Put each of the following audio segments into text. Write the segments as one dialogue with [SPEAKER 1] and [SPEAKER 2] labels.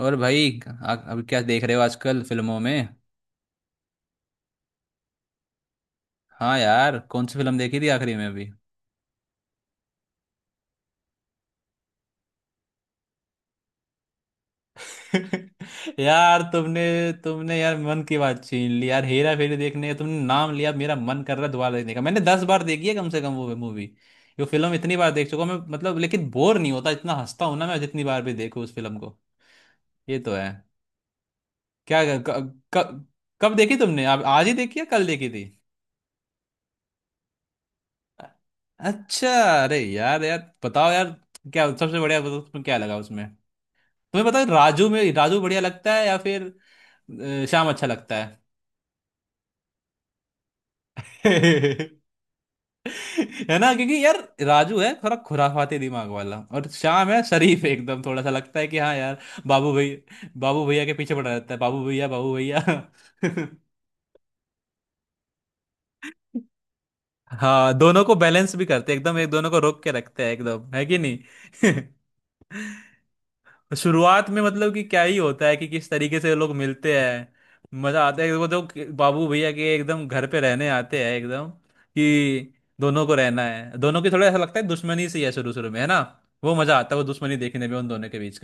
[SPEAKER 1] और भाई अभी क्या देख रहे हो आजकल फिल्मों में। हाँ यार, कौन सी फिल्म देखी थी आखिरी में अभी। यार तुमने तुमने यार मन की बात छीन ली यार, हेरा फेरी देखने का तुमने नाम लिया, मेरा मन कर रहा है दोबारा देखने का। मैंने 10 बार देखी है कम से कम वो मूवी। ये फिल्म इतनी बार देख चुका हूं मैं, मतलब लेकिन बोर नहीं होता, इतना हंसता हूं ना मैं जितनी बार भी देखूं उस फिल्म को। ये तो है। क्या क, क, कब देखी तुमने? आप आज ही देखी या कल देखी थी? अच्छा, अरे यार यार बताओ यार, क्या सबसे बढ़िया, बताओ तुम्हें क्या लगा उसमें? तुम्हें पता है राजू में राजू बढ़िया लगता है या फिर श्याम अच्छा लगता है? है ना, क्योंकि यार राजू है थोड़ा खुराफाती दिमाग वाला और श्याम है शरीफ एकदम, थोड़ा सा लगता है कि हाँ यार। बाबू भैया, बाबू भैया के पीछे पड़ा रहता है, बाबू भैया बाबू भैया। हाँ, दोनों को बैलेंस भी करते हैं एकदम एक, दोनों को रोक के रखते हैं एकदम, है कि नहीं? शुरुआत में मतलब कि क्या ही होता है कि किस तरीके से लोग मिलते हैं। मजा आता है वो तो। बाबू भैया के एकदम घर पे रहने आते हैं, एकदम कि दोनों को रहना है, दोनों की थोड़ा ऐसा लगता है दुश्मनी सी है शुरू शुरू में, है ना। वो मजा आता है वो दुश्मनी देखने में उन दोनों के बीच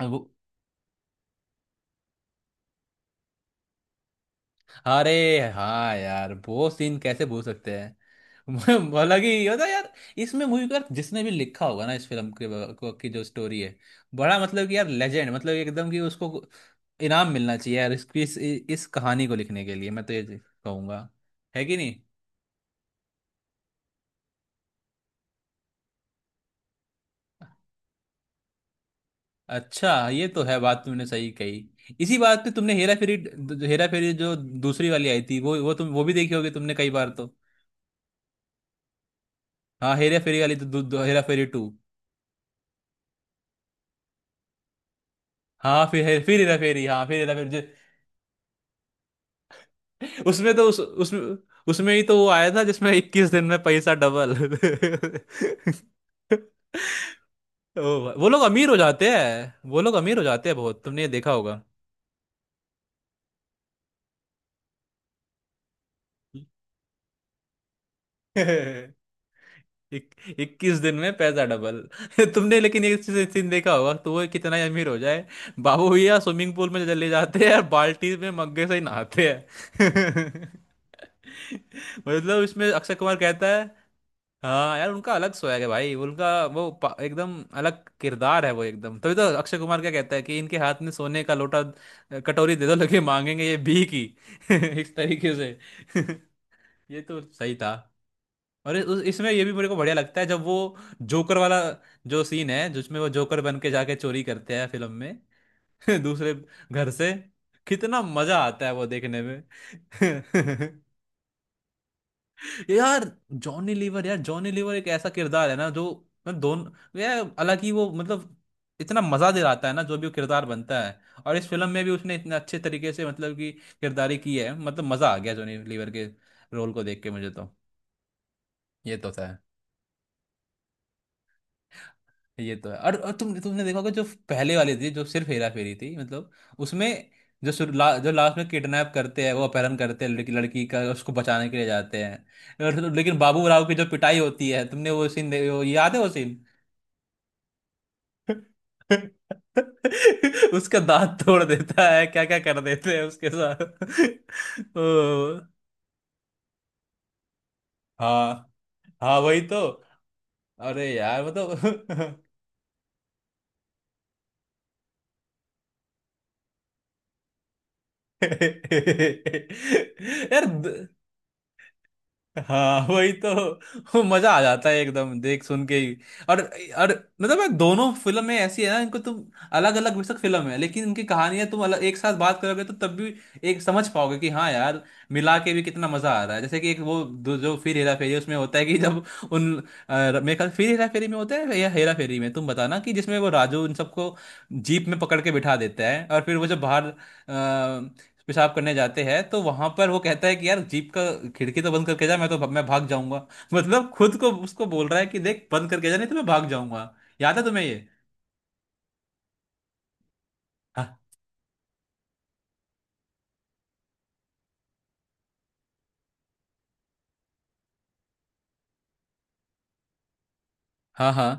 [SPEAKER 1] का। अरे हाँ यार, वो सीन कैसे भूल सकते हैं। हालांकि ये होता है यार, इसमें मूवी का जिसने भी लिखा होगा ना इस फिल्म के की जो स्टोरी है, बड़ा मतलब कि यार लेजेंड, मतलब एकदम कि उसको इनाम मिलना चाहिए यार इसकी इस कहानी को लिखने के लिए, मैं तो ये कहूंगा। है कि नहीं। अच्छा ये तो है, बात तुमने सही कही, इसी बात पे तुमने हेरा फेरी, जो हेरा फेरी जो दूसरी वाली आई थी वो तुम वो भी देखी होगी तुमने कई बार तो। हाँ हेरा फेरी वाली तो दू- दू- हेरा फेरी टू। हाँ फिर हेरा फेरी, हाँ फिर हेरा फेरी। उसमें तो उस उसमें, उसमें ही तो वो आया था जिसमें 21 दिन में पैसा डबल। ओ भाई, वो लोग अमीर हो जाते हैं, वो लोग अमीर हो जाते हैं बहुत, तुमने ये देखा होगा। इक, 21 दिन में पैसा डबल। तुमने लेकिन ये सीन देखा होगा, तो वो कितना ही अमीर हो जाए, बाबू भैया स्विमिंग पूल में चले जाते हैं और बाल्टी में मग्गे से ही नहाते हैं। मतलब इसमें अक्षय कुमार कहता है। हाँ यार उनका अलग स्वैग है भाई उनका, एकदम अलग किरदार है वो एकदम, तभी तो अक्षय कुमार क्या कहता है कि इनके हाथ में सोने का लोटा कटोरी दे दो लगे मांगेंगे ये भी की। इस तरीके से। ये तो सही था। और इसमें ये भी मेरे को बढ़िया लगता है जब वो जोकर वाला जो सीन है जिसमें वो जोकर बन के जाके चोरी करते हैं फिल्म में। दूसरे घर से कितना मजा आता है वो देखने में। यार जॉनी लीवर, यार जॉनी लीवर एक ऐसा किरदार है ना जो मतलब दोनों यार, हालांकि वो मतलब इतना मजा दिलाता है ना जो भी वो किरदार बनता है, और इस फिल्म में भी उसने इतने अच्छे तरीके से मतलब कि किरदारी की है, मतलब मजा आ गया जॉनी लीवर के रोल को देख के मुझे तो। ये तो था। ये तो है, और तुमने देखा होगा जो पहले वाली थी जो सिर्फ हेरा फेरी थी, मतलब उसमें जो जो लास्ट में किडनैप करते हैं, वो अपहरण करते हैं लड़की, लड़की का उसको बचाने के लिए जाते हैं लेकिन बाबू राव की जो पिटाई होती है तुमने वो सीन वो याद है वो। उसका दांत तोड़ देता है, क्या क्या कर देते हैं उसके साथ। ओ, हाँ हाँ वही तो। अरे यार मतलब। यार द- हाँ वही तो, वो मजा आ जाता है एकदम देख सुन के ही। और, मतलब यार दोनों फिल्में ऐसी है ना, इनको तुम अलग अलग बेशक फिल्म है लेकिन उनकी कहानियां तुम अलग एक साथ बात करोगे तो तब भी एक समझ पाओगे कि हाँ यार मिला के भी कितना मजा आ रहा है। जैसे कि एक वो जो फिर हेरा फेरी है, उसमें होता है कि जब उन मेरे ख्याल फिर हेरा फेरी में होता है या हेरा फेरी में तुम बताना, कि जिसमें वो राजू उन सबको जीप में पकड़ के बिठा देता है और फिर वो जब बाहर पेशाब करने जाते हैं तो वहां पर वो कहता है कि यार जीप का खिड़की तो बंद करके जा, मैं भाग जाऊंगा। मतलब खुद को उसको बोल रहा है कि देख बंद करके जा नहीं तो मैं भाग जाऊंगा। याद है तुम्हें ये? हाँ हाँ हाँ।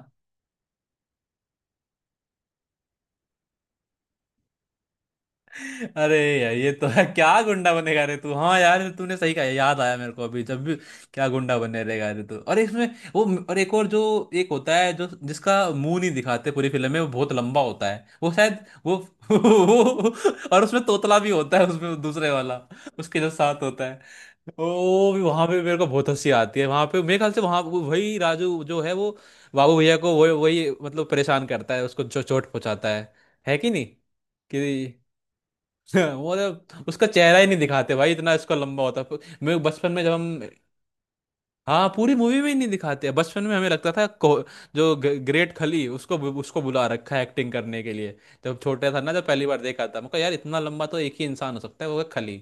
[SPEAKER 1] अरे यार ये तो है, क्या गुंडा बनेगा रे तू, हाँ यार तूने सही कहा, याद आया मेरे को अभी, जब भी क्या गुंडा बने रहेगा रे तू। और इसमें वो और एक और जो एक होता है जो जिसका मुंह नहीं दिखाते पूरी फिल्म में, वो बहुत लंबा होता है वो शायद वो। और उसमें तोतला भी होता है उसमें दूसरे वाला उसके जो साथ होता है, ओ भी वहां पे मेरे को बहुत हंसी आती है, वहां पे मेरे ख्याल से वहां वही राजू जो है वो बाबू भैया को वही वही मतलब परेशान करता है, उसको चोट पहुंचाता है। है कि नहीं कि? वो तो उसका चेहरा ही नहीं दिखाते भाई, इतना इसका लंबा होता है। मैं बचपन में जब हम, हाँ पूरी मूवी में ही नहीं दिखाते, बचपन में हमें लगता था जो ग्रेट खली उसको उसको बुला रखा है एक्टिंग करने के लिए। जब छोटा था ना, जब पहली बार देखा था, मैं कहा यार इतना लंबा तो एक ही इंसान हो सकता है वो है खली।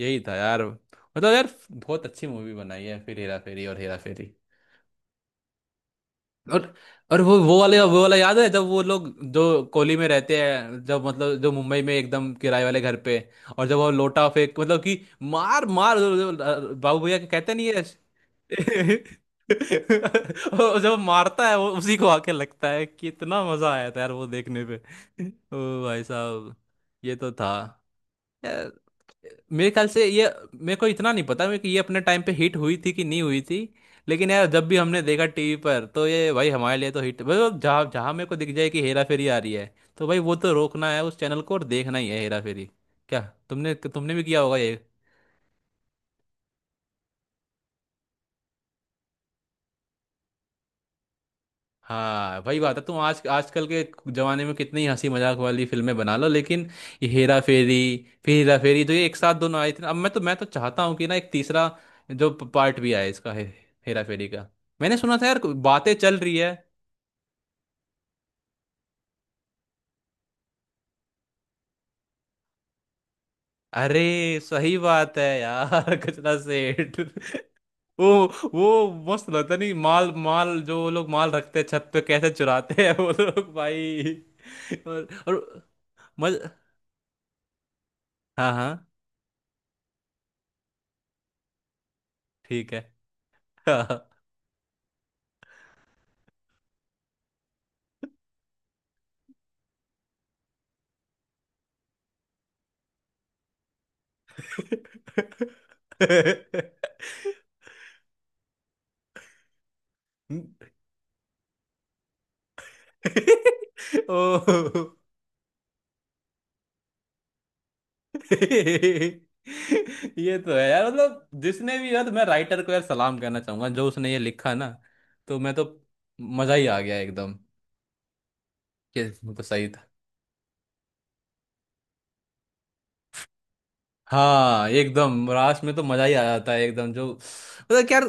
[SPEAKER 1] यही था यार, मतलब यार बहुत अच्छी मूवी बनाई है फिर हेरा फेरी और हेरा फेरी। और और वो वाले वो वाला याद है जब वो लोग जो कोली में रहते हैं, जब मतलब जो मुंबई में एकदम किराए वाले घर पे, और जब वो लोटा फेंक मतलब कि मार मार बाबू भैया के कहते नहीं है। और जब वो मारता है वो उसी को आके लगता है, कितना मजा आया था यार वो देखने पे। ओ भाई साहब, ये तो था। मेरे ख्याल से ये मेरे को इतना नहीं पता, मेरे को ये अपने टाइम पे हिट हुई थी कि नहीं हुई थी, लेकिन यार जब भी हमने देखा टीवी पर तो ये भाई हमारे लिए तो हिट, मतलब जहाँ जहाँ मेरे को दिख जाए कि हेरा फेरी आ रही है तो भाई वो तो रोकना है उस चैनल को और देखना ही है हेरा फेरी। क्या तुमने तुमने भी किया होगा ये? हाँ वही बात है, तुम आज आजकल के जमाने में कितनी हंसी मजाक वाली फिल्में बना लो लेकिन ये हेरा फेरी, फिर हेरा फेरी, तो ये एक साथ दोनों आई थी ना। अब मैं तो चाहता हूँ कि ना एक तीसरा जो पार्ट भी आए इसका, हेरा फेरी का। मैंने सुना था यार बातें चल रही है। अरे सही बात है यार। कचरा सेठ। वो वो मस्त लगता नहीं, माल माल जो वो लोग माल रखते हैं छत पे कैसे चुराते हैं वो लोग भाई। और मज, हाँ हाँ ठीक है। ओ, ये तो है यार, मतलब जिसने भी यार, तो मैं राइटर को यार सलाम करना चाहूंगा जो उसने ये लिखा ना, तो मैं तो मजा ही आ गया एकदम कि तो सही। हाँ एकदम लास्ट में तो मजा ही आ जाता है एकदम, जो मतलब कि यार,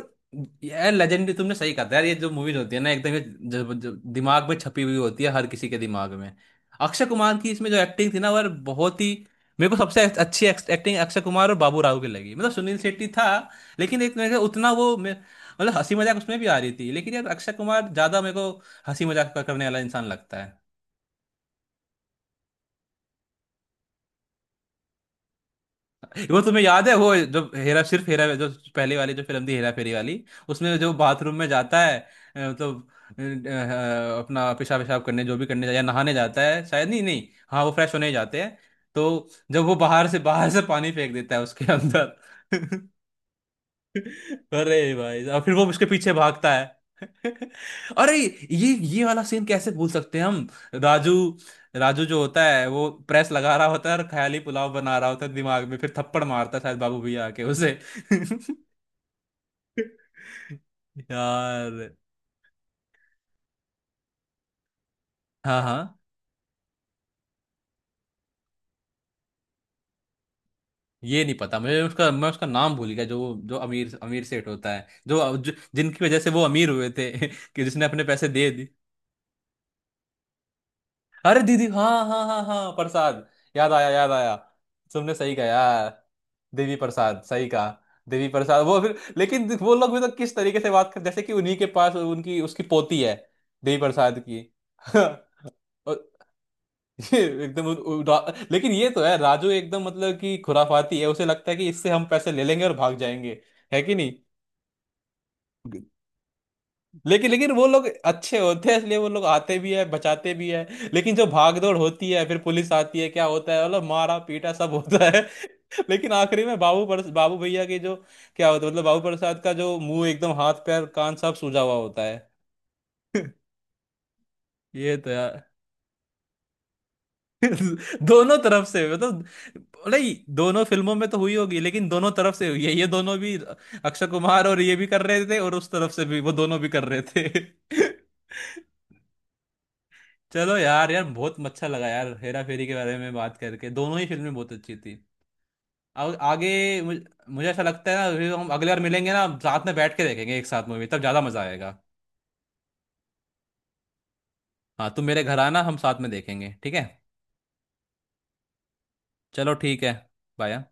[SPEAKER 1] यार लेजेंडरी तुमने सही कहा था यार, ये जो मूवीज होती है ना एकदम, ये दिमाग में छपी हुई होती है हर किसी के दिमाग में। अक्षय कुमार की इसमें जो एक्टिंग थी ना वो यार बहुत ही, मेरे को सबसे अच्छी एक्टिंग अक्षय कुमार और बाबू राव की लगी, मतलब सुनील शेट्टी था लेकिन एक मेरे को उतना वो मतलब हंसी मजाक उसमें भी आ रही थी लेकिन यार अक्षय कुमार ज्यादा मेरे को हंसी मजाक करने वाला इंसान लगता है। वो तुम्हें याद है वो जो हेरा सिर्फ हेरा जो पहले वाली जो फिल्म थी हेरा फेरी वाली, उसमें जो बाथरूम में जाता है मतलब अपना पेशाब पेशाब करने जो भी करने जाता है, या नहाने जाता है शायद, नहीं नहीं हाँ वो फ्रेश होने ही जाते हैं, तो जब वो बाहर से पानी फेंक देता है उसके अंदर। अरे भाई, और फिर वो उसके पीछे भागता है। अरे, ये वाला सीन कैसे भूल सकते हैं हम? राजू, राजू जो होता है वो प्रेस लगा रहा होता है और ख्याली पुलाव बना रहा होता है दिमाग में, फिर थप्पड़ मारता है शायद बाबू भैया आके उसे। यार, हाँ हाँ, ये नहीं पता मुझे उसका, मैं उसका नाम भूल गया जो जो अमीर अमीर सेठ होता है जो जिनकी वजह से वो अमीर हुए थे कि जिसने अपने पैसे दे। अरे दीदी हाँ हाँ हाँ हाँ प्रसाद, याद आया याद आया, तुमने सही कहा यार, देवी प्रसाद सही कहा, देवी प्रसाद। वो फिर लेकिन वो लोग भी तो किस तरीके से बात कर जैसे कि उन्हीं के पास उनकी उसकी पोती है देवी प्रसाद की। और ये एकदम लेकिन ये तो है राजू एकदम मतलब कि खुराफाती है, उसे लगता है कि इससे हम पैसे ले लेंगे और भाग जाएंगे। है कि नहीं? लेकिन लेकिन वो लोग अच्छे होते हैं इसलिए वो लोग आते भी है बचाते भी है, लेकिन जो भागदौड़ होती है, फिर पुलिस आती है क्या होता है, मतलब मारा पीटा सब होता है। लेकिन आखिरी में बाबू पर, बाबू भैया के जो क्या होता है, मतलब बाबू प्रसाद का जो मुंह एकदम हाथ पैर कान सब सूजा हुआ होता है। ये तो यार। दोनों तरफ से मतलब, नहीं दोनों फिल्मों में तो हुई होगी लेकिन दोनों तरफ से हुई है ये दोनों भी, अक्षय कुमार और ये भी कर रहे थे और उस तरफ से भी वो दोनों भी कर रहे थे। चलो यार, यार बहुत अच्छा लगा यार हेरा फेरी के बारे में बात करके, दोनों ही फिल्में बहुत अच्छी थी। और आगे मुझे ऐसा लगता है ना फिर हम अगले बार मिलेंगे ना, साथ में बैठ के देखेंगे एक साथ मूवी तब ज़्यादा मज़ा आएगा। हाँ तुम मेरे घर आना, हम साथ में देखेंगे, ठीक है। चलो ठीक है, बाय।